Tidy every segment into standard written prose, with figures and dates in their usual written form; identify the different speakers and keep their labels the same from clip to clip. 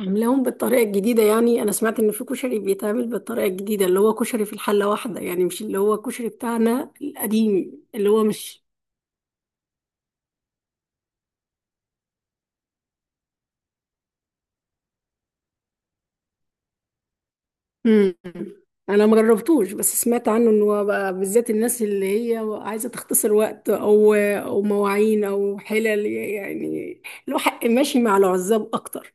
Speaker 1: عاملاهم بالطريقة الجديدة يعني أنا سمعت إن في كشري بيتعمل بالطريقة الجديدة اللي هو كشري في الحلة واحدة يعني مش اللي هو الكشري بتاعنا القديم اللي هو مش. مم. أنا ما جربتوش بس سمعت عنه إن هو بقى بالذات الناس اللي هي عايزة تختصر وقت أو مواعين أو حلل يعني له حق ماشي مع العزاب أكتر.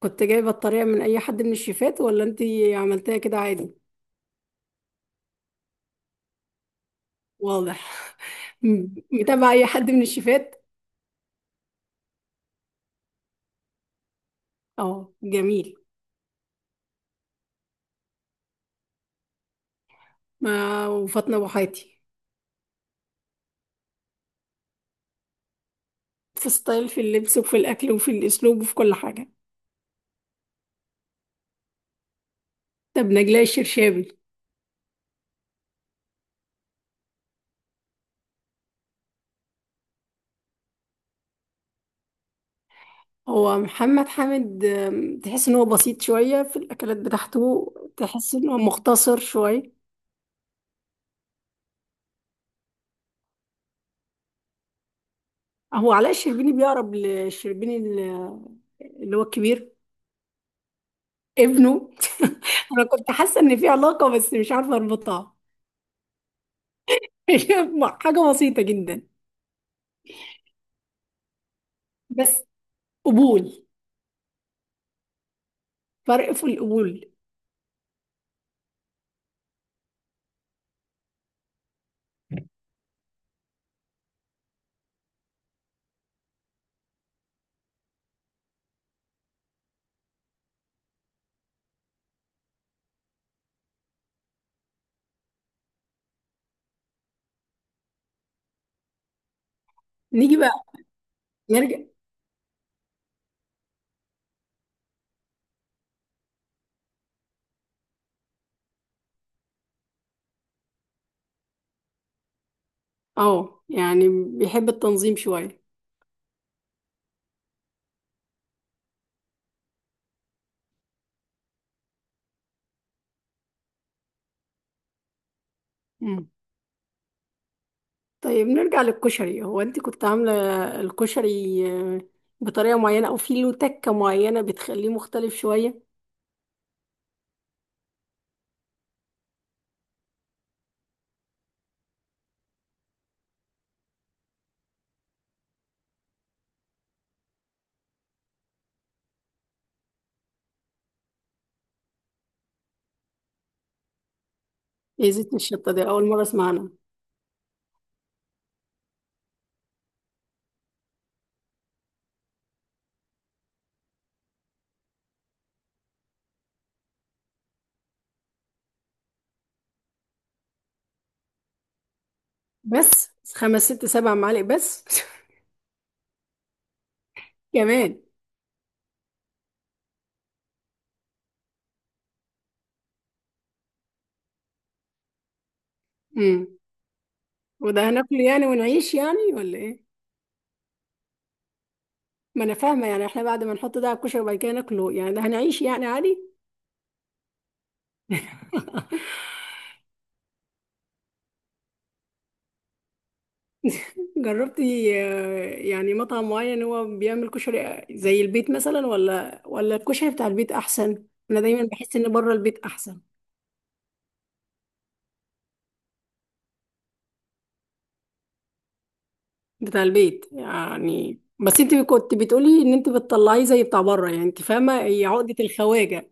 Speaker 1: كنت جايبة الطريقة من أي حد من الشيفات ولا أنتي عملتها كده عادي؟ واضح. م- متابعة أي حد من الشيفات؟ أه جميل. ما وفاطمة أبو حياتي. في ستايل في اللبس وفي الأكل وفي الأسلوب وفي كل حاجة. طب نجلاء الشرشابي. هو محمد حامد تحس إن هو بسيط شوية في الأكلات بتاعته، تحس إن هو مختصر شوية. هو علاء الشربيني بيقرب للشربيني اللي هو الكبير. ابنه. أنا كنت حاسة إن في علاقة بس مش عارفة أربطها. هي حاجة بسيطة جدا. بس قبول، فرق في القبول. نيجي بقى، نرجع. اه يعني بيحب التنظيم شوية. مم. طيب نرجع للكشري، هو انت كنت عاملة الكشري آه، بطريقة معينة او في له تكة معينة بتخليه مختلف شوية؟ ايه زيت الشطة دي؟ اول مرة اسمع عنها. بس خمس ست سبع معالق بس؟ كمان. مم. وده هناكله يعني ونعيش يعني ولا ايه؟ ما انا فاهمة يعني، احنا بعد ما نحط ده على الكشري وبعد كده ناكله يعني ده هنعيش يعني عادي. جربتي يعني مطعم معين هو بيعمل كشري زي البيت مثلا، ولا الكشري بتاع البيت احسن؟ انا دايما بحس ان بره البيت احسن. بتاع البيت يعني، بس انت كنت بتقولي ان انت بتطلعيه زي بتاع بره، يعني انت فاهمه هي عقده الخواجه.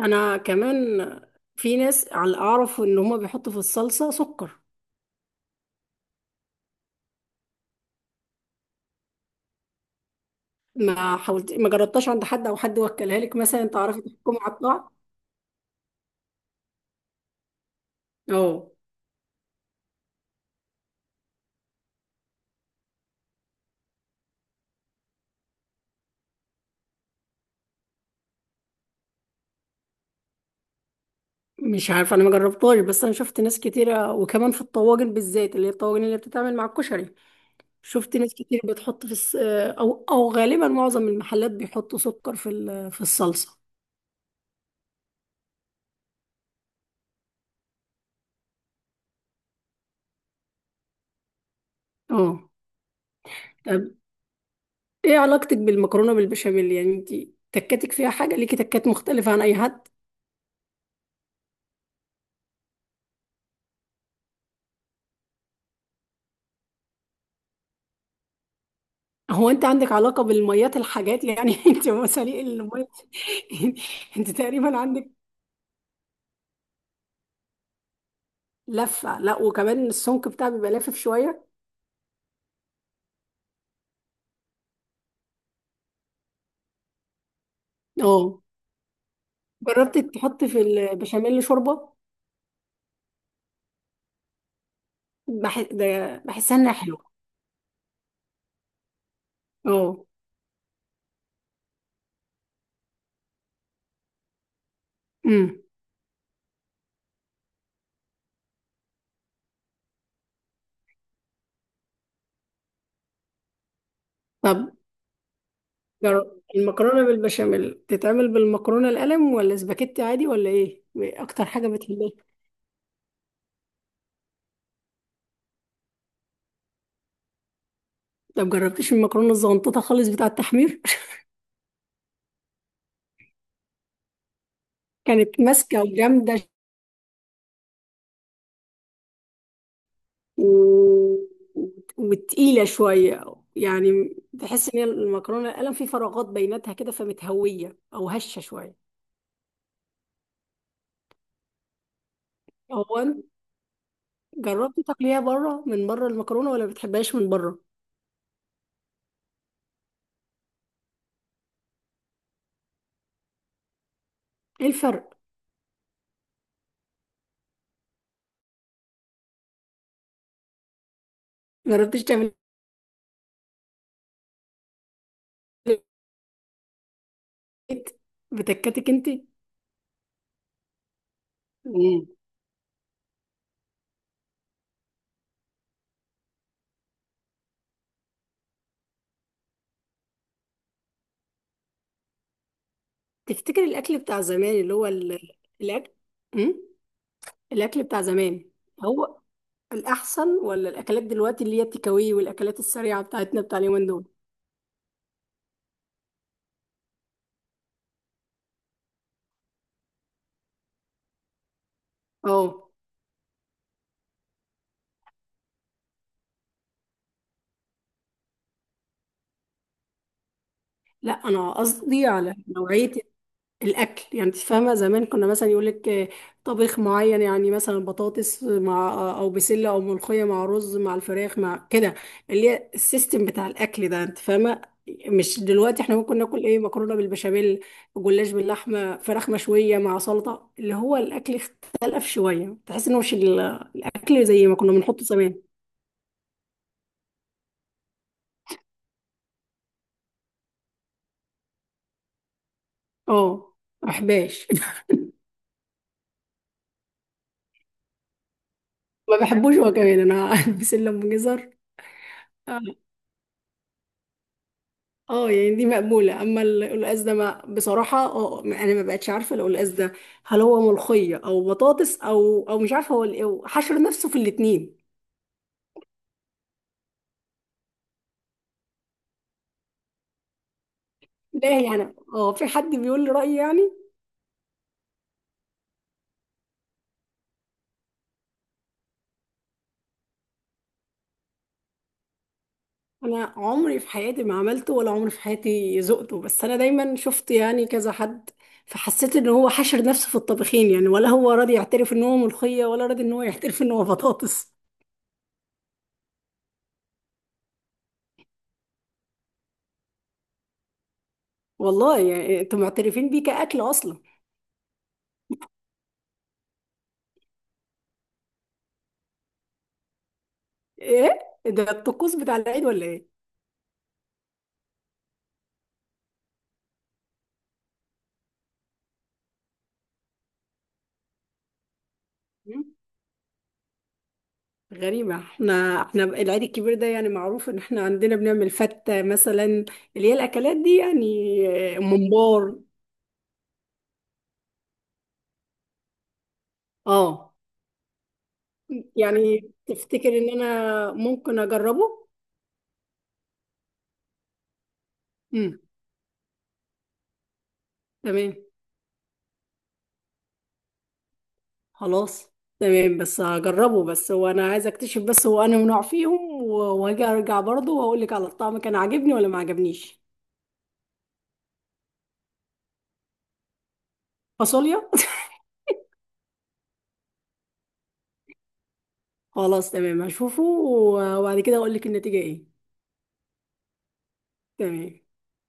Speaker 1: انا كمان، في ناس على اعرف ان هما بيحطوا في الصلصه سكر. ما حاولت ما جربتهاش عند حد او حد وكلها لك مثلا تعرفي تحكمي على الطعم؟ اه. مش عارف، انا ما جربتهاش بس انا شفت ناس كتيرة، وكمان في الطواجن بالذات اللي هي الطواجن اللي بتتعمل مع الكشري. شفت ناس كتير بتحط في او غالبا معظم المحلات بيحطوا سكر في الصلصة. اه. طب، ايه علاقتك بالمكرونة بالبشاميل؟ يعني انت تكاتك فيها حاجة، ليكي تكات مختلفة عن اي حد؟ هو انت عندك علاقة بالميات الحاجات يعني؟ انت مساليق المية. انت تقريبا عندك لفة، لا وكمان السمك بتاعك بيبقى لافف شوية. اه، جربت تحط في البشاميل شوربة؟ ده بحسها انها حلوة. اه. امم طب جرب المكرونة بالبشاميل تتعمل بالمكرونة القلم ولا سباكيتي عادي ولا ايه؟ إيه اكتر حاجة بتحبها؟ طب جربتيش المكرونة الزغنططة خالص بتاع التحمير؟ كانت ماسكة وجامدة. و... وتقيلة شوية. يعني تحس ان هي المكرونة القلم في فراغات بيناتها كده فمتهوية او هشة شوية. هو انت جربتي تاكليها بره؟ من بره المكرونة ولا بتحبهاش من بره؟ ايه الفرق؟ جربتيش تعملي؟ بيت، بتكاتك انت. مم. تفتكر الاكل بتاع زمان اللي هو الاكل، امم الاكل بتاع زمان هو الاحسن ولا الاكلات دلوقتي اللي هي التكاوي والاكلات السريعه بتاعتنا بتاع اليومين دول؟ اه لا، انا قصدي على نوعيه الاكل، يعني انت فاهمه زمان كنا مثلا يقول لك طبيخ معين، يعني مثلا بطاطس مع او بسله او ملوخيه مع رز مع الفراخ مع كده، اللي هي السيستم بتاع الاكل ده انت فاهمه. مش دلوقتي احنا ممكن ناكل ايه؟ مكرونه بالبشاميل، جلاش باللحمه، فراخ مشويه مع سلطه، اللي هو الاكل اختلف شويه، تحس انه مش الاكل زي ما كنا بنحطه زمان. اه ما بحبهاش. ما بحبوش هو كمان انا، بسله ام جزر. آه. اه يعني دي مقبولة، اما القلقاس ده ما بصراحة انا ما بقتش عارفة لو القلقاس ده هل هو ملوخية او بطاطس او مش عارفة هو هو حشر نفسه في الاتنين. لا يعني في حد بيقول لي رأيي يعني. انا عمري في حياتي ما عملته ولا عمري في حياتي ذقته، بس انا دايما شفت يعني كذا حد، فحسيت ان هو حشر نفسه في الطبخين يعني، ولا هو راضي يعترف ان هو ملوخية ولا راضي ان هو يعترف ان هو بطاطس. والله يعني انتوا معترفين بيه كأكل اصلا؟ ايه؟ ده الطقوس بتاع العيد ولا ايه؟ غريبة، احنا العيد الكبير ده يعني معروف ان احنا عندنا بنعمل فتة مثلا، اللي هي الاكلات دي يعني. آه، ممبار. اه، يعني تفتكر ان انا ممكن اجربه؟ امم تمام. خلاص. تمام بس هجربه، بس هو انا عايزه اكتشف، بس هو انا نوع فيهم وهاجي ارجع برضه واقول لك على الطعم كان عاجبني ولا ما عجبنيش. فاصوليا. خلاص تمام هشوفه وبعد كده اقول لك النتيجة ايه. تمام.